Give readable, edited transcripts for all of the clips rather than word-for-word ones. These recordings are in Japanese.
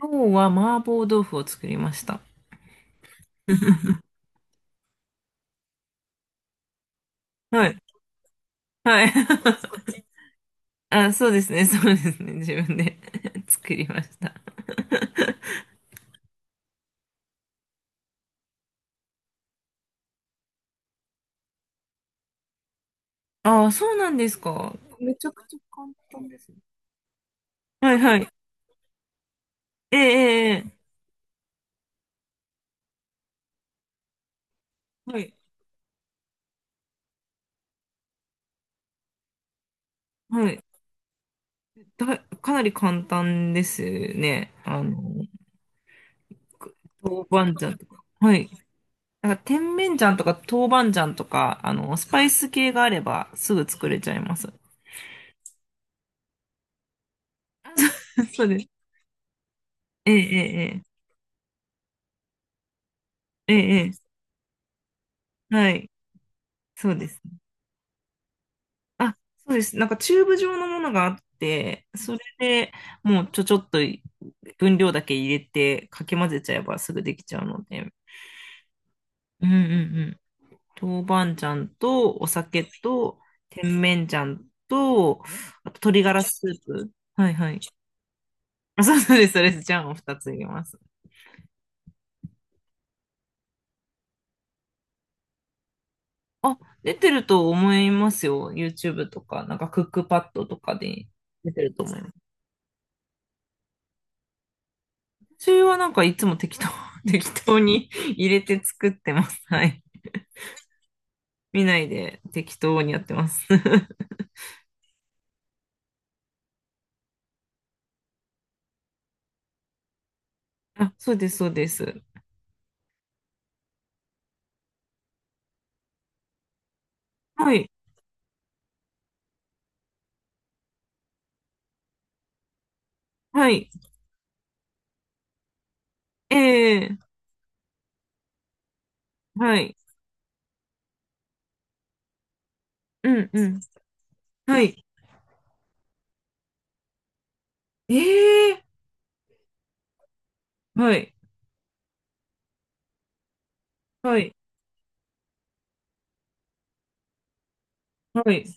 今日は麻婆豆腐を作りました。はい。はい。あ、そうですね。そうですね。自分で 作りました。ああ、そうなんですか。めちゃくちゃ簡単ですね。はいはい。ええええええはい。はい。かなり簡単ですね。豆板醤とか。はい。なんか、甜麺醤とか豆板醤とか、スパイス系があればすぐ作れちゃいます。あそうそうです。ええええええええええはい、そうですね。あ、そうです。なんかチューブ状のものがあって、それでもうちょっと分量だけ入れてかき混ぜちゃえばすぐできちゃうので。うんうんうん。豆板醤とお酒と甜麺醤と、あと鶏ガラスープ。はいはい。あ、そうそうです、そうです。醤を2つ入れます。あ、出てると思いますよ。YouTube とか、なんかクックパッドとかで出てると思います。私はなんかいつも適当、適当に入れて作ってます。はい。見ないで適当にやってます。あ、そうです、そうです。はい。はい。ええはい。うん、うん。はい。ええはい。はい。はい。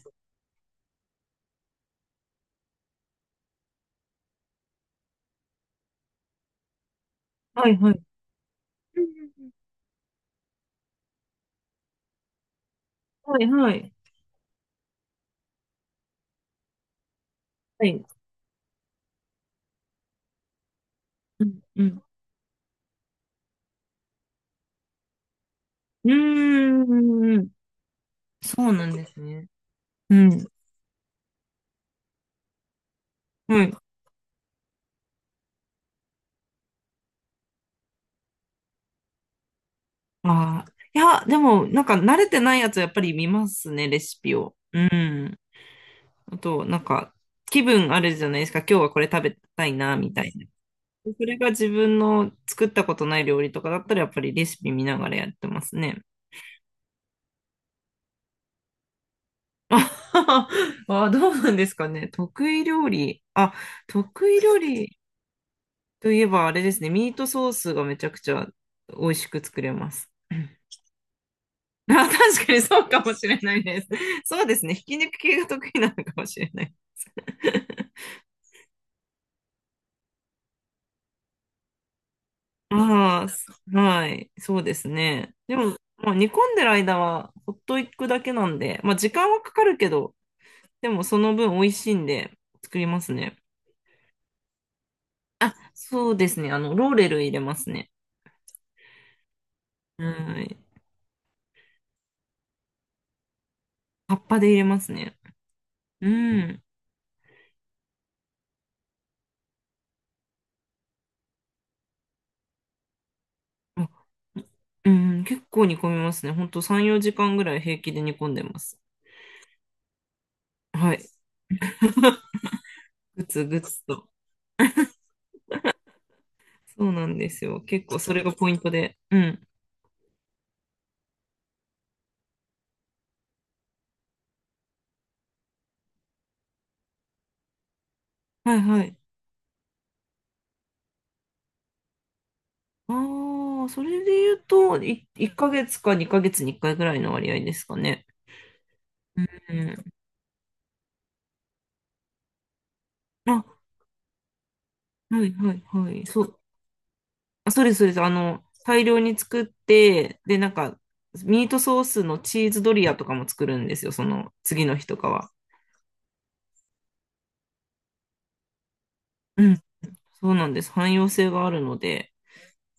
はい、はい。うんうんうんはい、はい。はい。うん、うん。うーん。そうなんですね。うん。はい。ああ。いや、でも、なんか慣れてないやつやっぱり見ますね、レシピを。うん。あと、なんか、気分あるじゃないですか。今日はこれ食べたいな、みたいな。でそれが自分の作ったことない料理とかだったら、やっぱりレシピ見ながらやってますね。あ あ、どうなんですかね。得意料理。あ、得意料理といえばあれですね。ミートソースがめちゃくちゃ美味しく作れます。あ、確かにそうかもしれないです。そうですね。ひき肉系が得意なのかもしれない。ああ、はい、そうですね。でも、まあ、煮込んでる間はほっといくだけなんで、まあ、時間はかかるけど、でもその分美味しいんで作りますね。そうですね。ローレル入れますね。はい。葉っぱで入れますね。うん。あうん、結構煮込みますね。ほんと3、4時間ぐらい平気で煮込んでます。はい。ぐつぐつと。そうなんですよ。結構それがポイントで。うん。はいはい。ああ、それで言うと、1ヶ月か2ヶ月に1回ぐらいの割合ですかね。うん。あ、はいはいはい。そう、あ、そうですそうです。大量に作って、で、なんか、ミートソースのチーズドリアとかも作るんですよ、その次の日とかは。うん。そうなんです。汎用性があるので、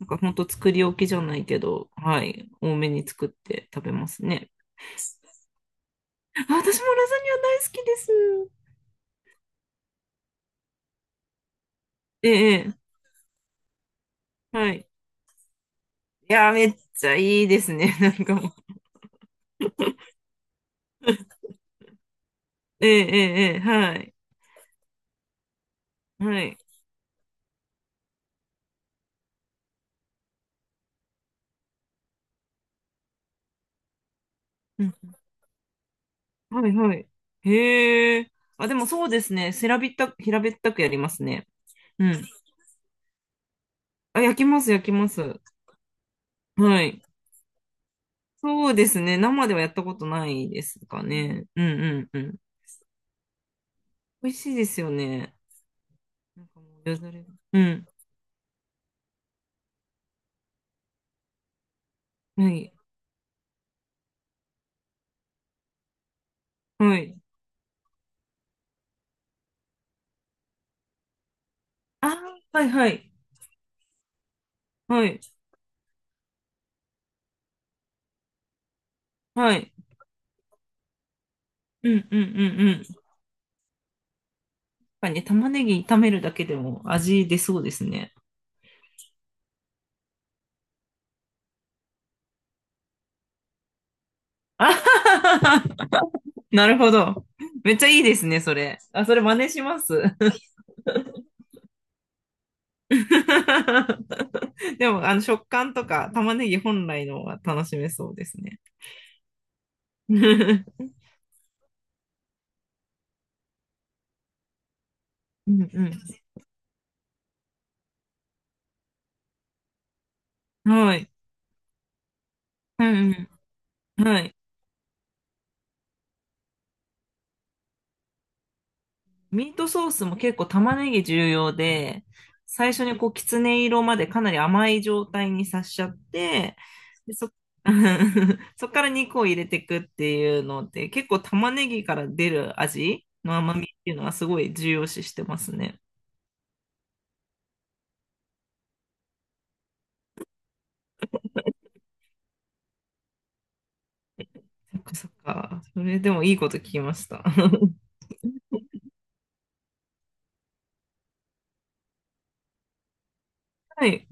なんか本当作り置きじゃないけど、はい、多めに作って食べますね。あ、私もラザニア大好きです。ええ、はい。いやー、めっちゃいいですね。なんかもう。ええ、ええ、ええはい。はい。うん、はい、はい。へえ。あ、でもそうですね。せらびった、平べったくやりますね。うん。あ、焼きます、焼きます。はい。そうですね。生ではやったことないですかね。うん、うん、うん。美味しいですよね。なんかもうよだれが。うん。はい。はい。あー、はい、はい。はい。はい。うん、うん、うん、うん。やっぱりね、玉ねぎ炒めるだけでも味出そうですね。あはははなるほど。めっちゃいいですね、それ。あ、それ真似します。でも、食感とか玉ねぎ本来のが楽しめそうですね。うんうん。はい。うんうん。はい。ミートソースも結構玉ねぎ重要で、最初にこう、きつね色までかなり甘い状態にさしちゃって、で、そっから肉を入れていくっていうので、結構玉ねぎから出る味の甘みっていうのはすごい重要視してますね。そっかそっか。それでもいいこと聞きました。はい。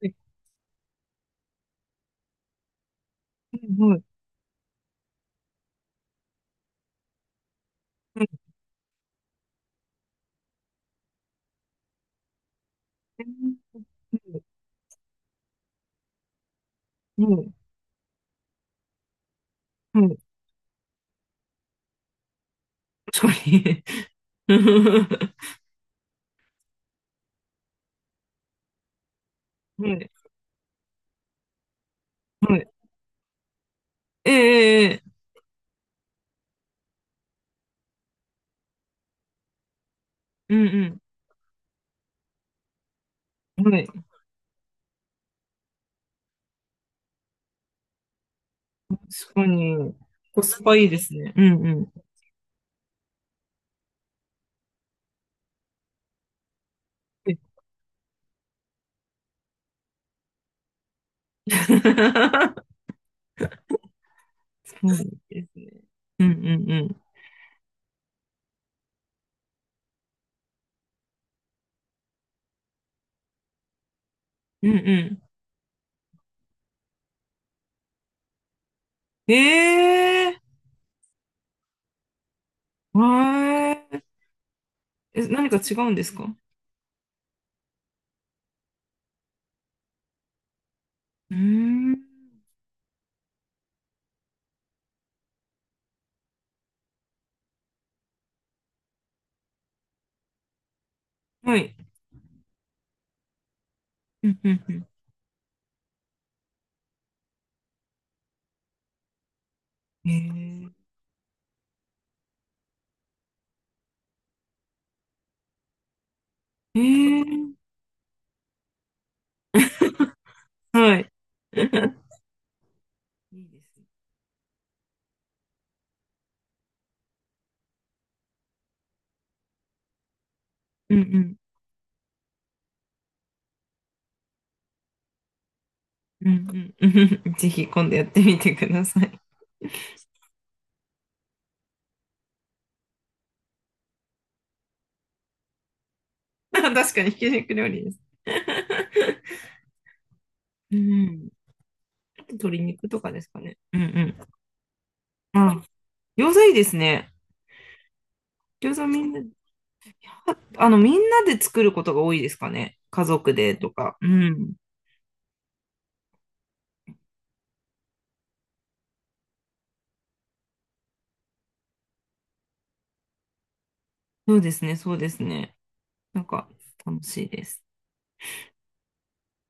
はいうんはいうんはいはいはい確かに。はい。はい。ええええうんうん。はい。確かに、コスパいいですね。うんうん。そうですね。うんうんうん。うんうん。ええー、わーえ、何か違うんですか？うーん。はい。うんうんうん。ー、えー、はい。いいですね。うんうんうんうんうん。ぜひ今度やってみてください。確かにひき肉料理です。うん。あと鶏肉とかですかね。うんうん。あ、餃子いいですね。餃子みんなで作ることが多いですかね。家族でとか。うん。そうですね、そうですね。なんか、楽しいです。